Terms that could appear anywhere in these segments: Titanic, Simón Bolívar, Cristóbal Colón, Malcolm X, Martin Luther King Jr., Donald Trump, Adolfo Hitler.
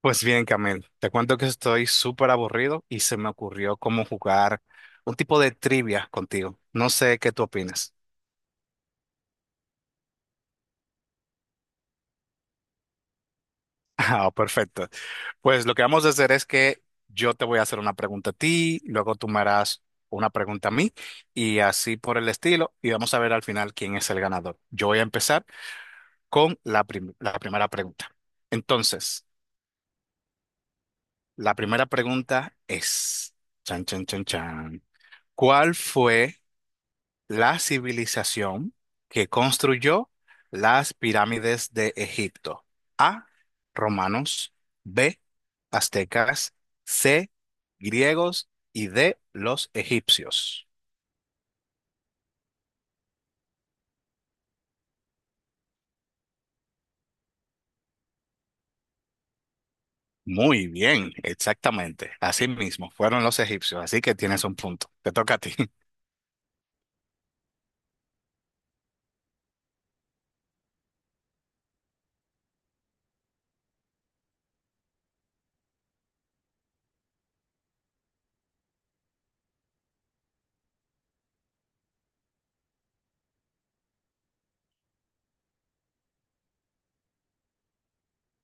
Pues bien, Camil, te cuento que estoy súper aburrido y se me ocurrió cómo jugar un tipo de trivia contigo. No sé qué tú opinas. Ah, perfecto. Pues lo que vamos a hacer es que yo te voy a hacer una pregunta a ti, luego tú me harás una pregunta a mí y así por el estilo. Y vamos a ver al final quién es el ganador. Yo voy a empezar con la primera pregunta. Entonces, la primera pregunta es, chan, chan, chan, chan. ¿Cuál fue la civilización que construyó las pirámides de Egipto? A, romanos, B, aztecas, C, griegos y D, los egipcios. Muy bien, exactamente. Así mismo, fueron los egipcios, así que tienes un punto. Te toca a ti.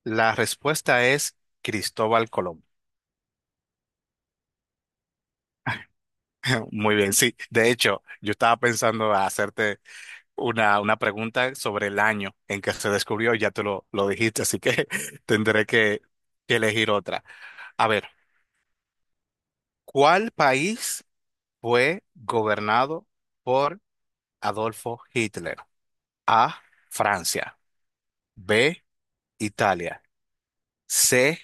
La respuesta es Cristóbal Colón. Muy bien, sí. De hecho, yo estaba pensando a hacerte una pregunta sobre el año en que se descubrió, ya te lo dijiste, así que tendré que elegir otra. A ver, ¿cuál país fue gobernado por Adolfo Hitler? A, Francia, B, Italia, C,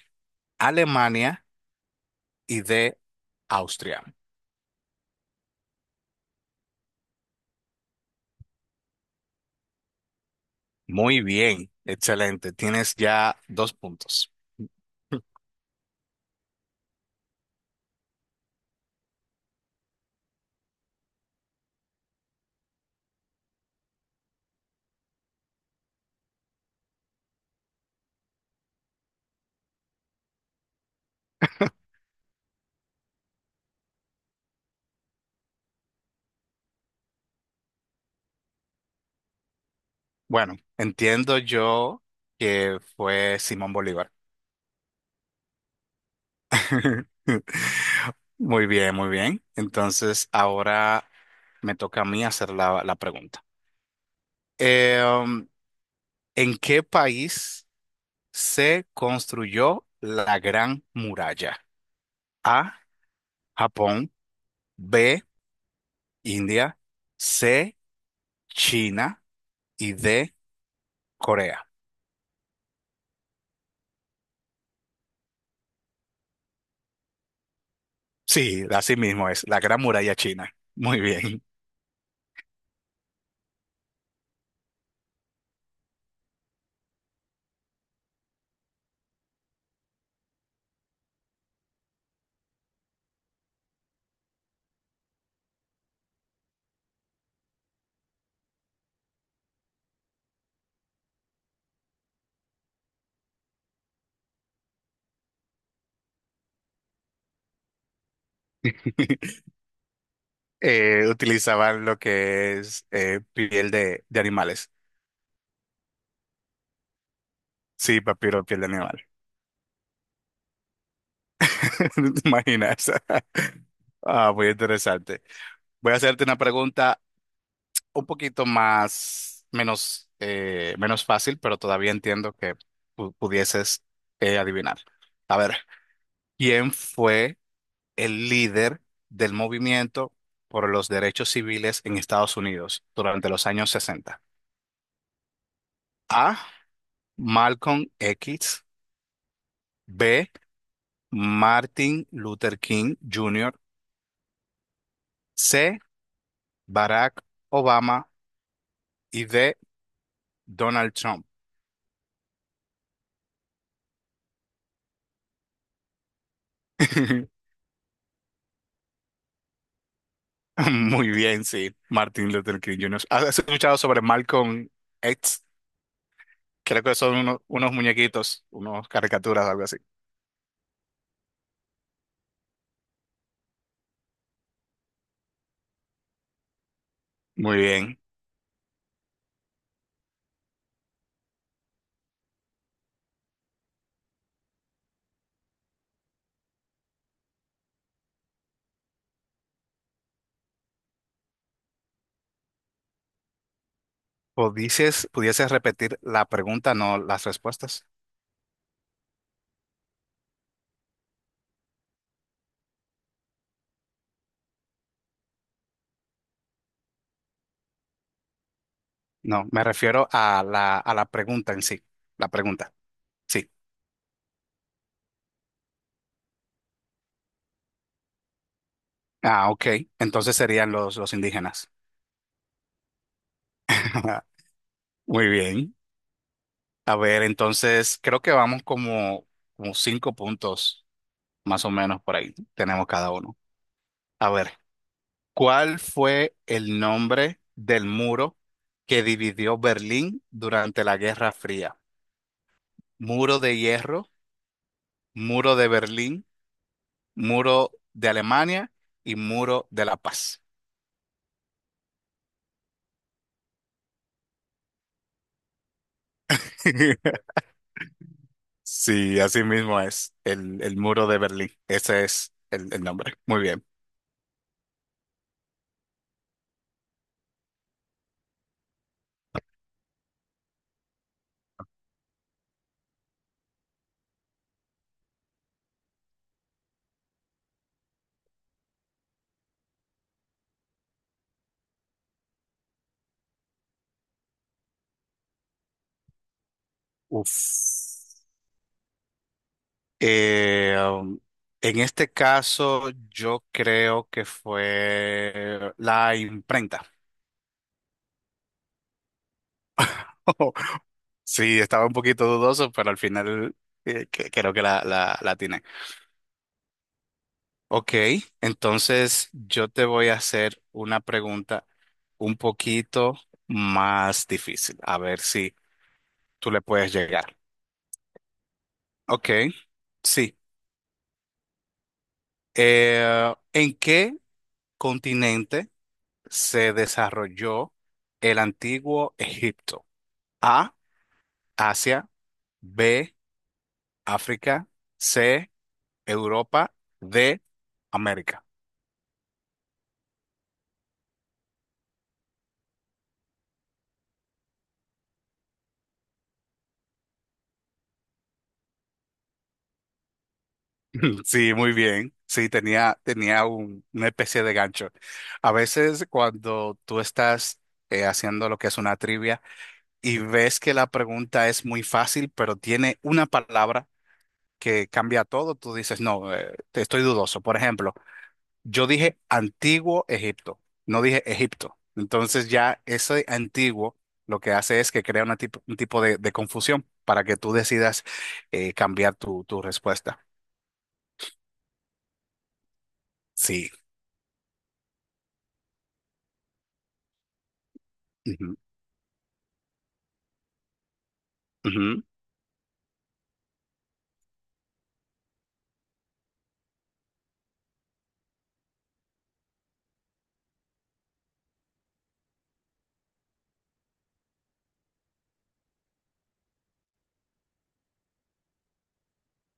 Alemania y D, Austria. Muy bien, excelente. Tienes ya dos puntos. Bueno, entiendo yo que fue Simón Bolívar. Muy bien, muy bien. Entonces, ahora me toca a mí hacer la pregunta. Eh, um, ¿En qué país se construyó la Gran Muralla? A, Japón, B, India, C, China y D, Corea. Sí, así mismo es, la Gran Muralla China. Muy bien. Utilizaban lo que es piel de animales. Sí, papiro, piel de animales. ¿No te imaginas? Ah, muy interesante. Voy a hacerte una pregunta un poquito más, menos, menos fácil, pero todavía entiendo que pudieses adivinar. A ver, ¿quién fue el líder del movimiento por los derechos civiles en Estados Unidos durante los años 60? A. Malcolm X. B. Martin Luther King Jr. C. Barack Obama. Y D. Donald Trump. Muy bien, sí. Martin Luther King Jr. ¿Has escuchado sobre Malcolm X? Creo que son unos muñequitos, unos caricaturas, algo así. Muy bien. ¿Pudieses, pudieses repetir la pregunta, no las respuestas? No, me refiero a la pregunta en sí. La pregunta, sí. Ah, ok. Entonces serían los indígenas. Muy bien. A ver, entonces creo que vamos como, como cinco puntos más o menos por ahí. Tenemos cada uno. A ver, ¿cuál fue el nombre del muro que dividió Berlín durante la Guerra Fría? Muro de hierro, muro de Berlín, muro de Alemania y muro de la paz. Sí, así mismo es el muro de Berlín. Ese es el nombre. Muy bien. Uf. Eh, um, en este caso, yo creo que fue la imprenta. Sí, estaba un poquito dudoso, pero al final creo que la atiné. Ok, entonces yo te voy a hacer una pregunta un poquito más difícil, a ver si tú le puedes llegar. Ok, sí. ¿En qué continente se desarrolló el antiguo Egipto? A, Asia, B, África, C, Europa, D, América. Sí, muy bien. Sí, tenía una especie de gancho. A veces cuando tú estás haciendo lo que es una trivia y ves que la pregunta es muy fácil, pero tiene una palabra que cambia todo, tú dices, no, te estoy dudoso. Por ejemplo, yo dije antiguo Egipto, no dije Egipto. Entonces ya ese antiguo lo que hace es que crea una un tipo de confusión para que tú decidas cambiar tu respuesta. Sí. Ujú, ujú.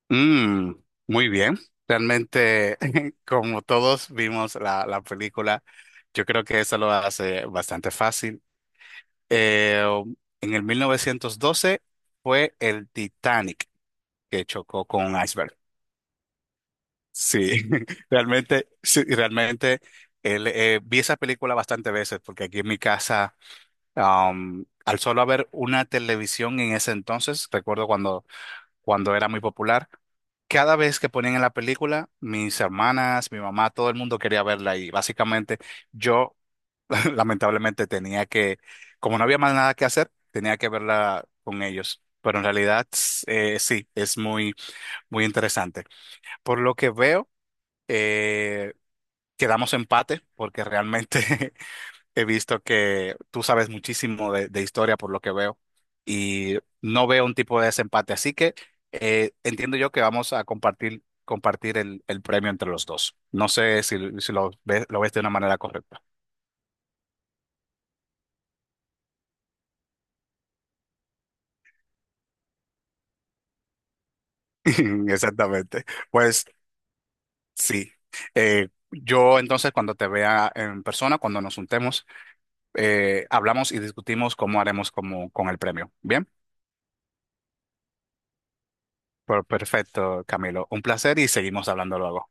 Mm, muy bien. Realmente, como todos vimos la película, yo creo que eso lo hace bastante fácil. Eh, en el 1912 fue el Titanic que chocó con un iceberg. Sí, realmente, sí, realmente vi esa película bastantes veces porque aquí en mi casa, al solo haber una televisión en ese entonces, recuerdo cuando, cuando era muy popular. Cada vez que ponían en la película, mis hermanas, mi mamá, todo el mundo quería verla y básicamente yo lamentablemente tenía que, como no había más nada que hacer, tenía que verla con ellos. Pero en realidad sí, es muy, muy interesante. Por lo que veo, eh, quedamos empate porque realmente he visto que tú sabes muchísimo de historia por lo que veo y no veo un tipo de desempate, así que entiendo yo que vamos a compartir, compartir el premio entre los dos. No sé si, si lo ves, lo ves de una manera correcta. Exactamente. Pues sí. Yo entonces cuando te vea en persona, cuando nos juntemos, hablamos y discutimos cómo haremos como, con el premio. Bien, pues, perfecto, Camilo. Un placer y seguimos hablando luego.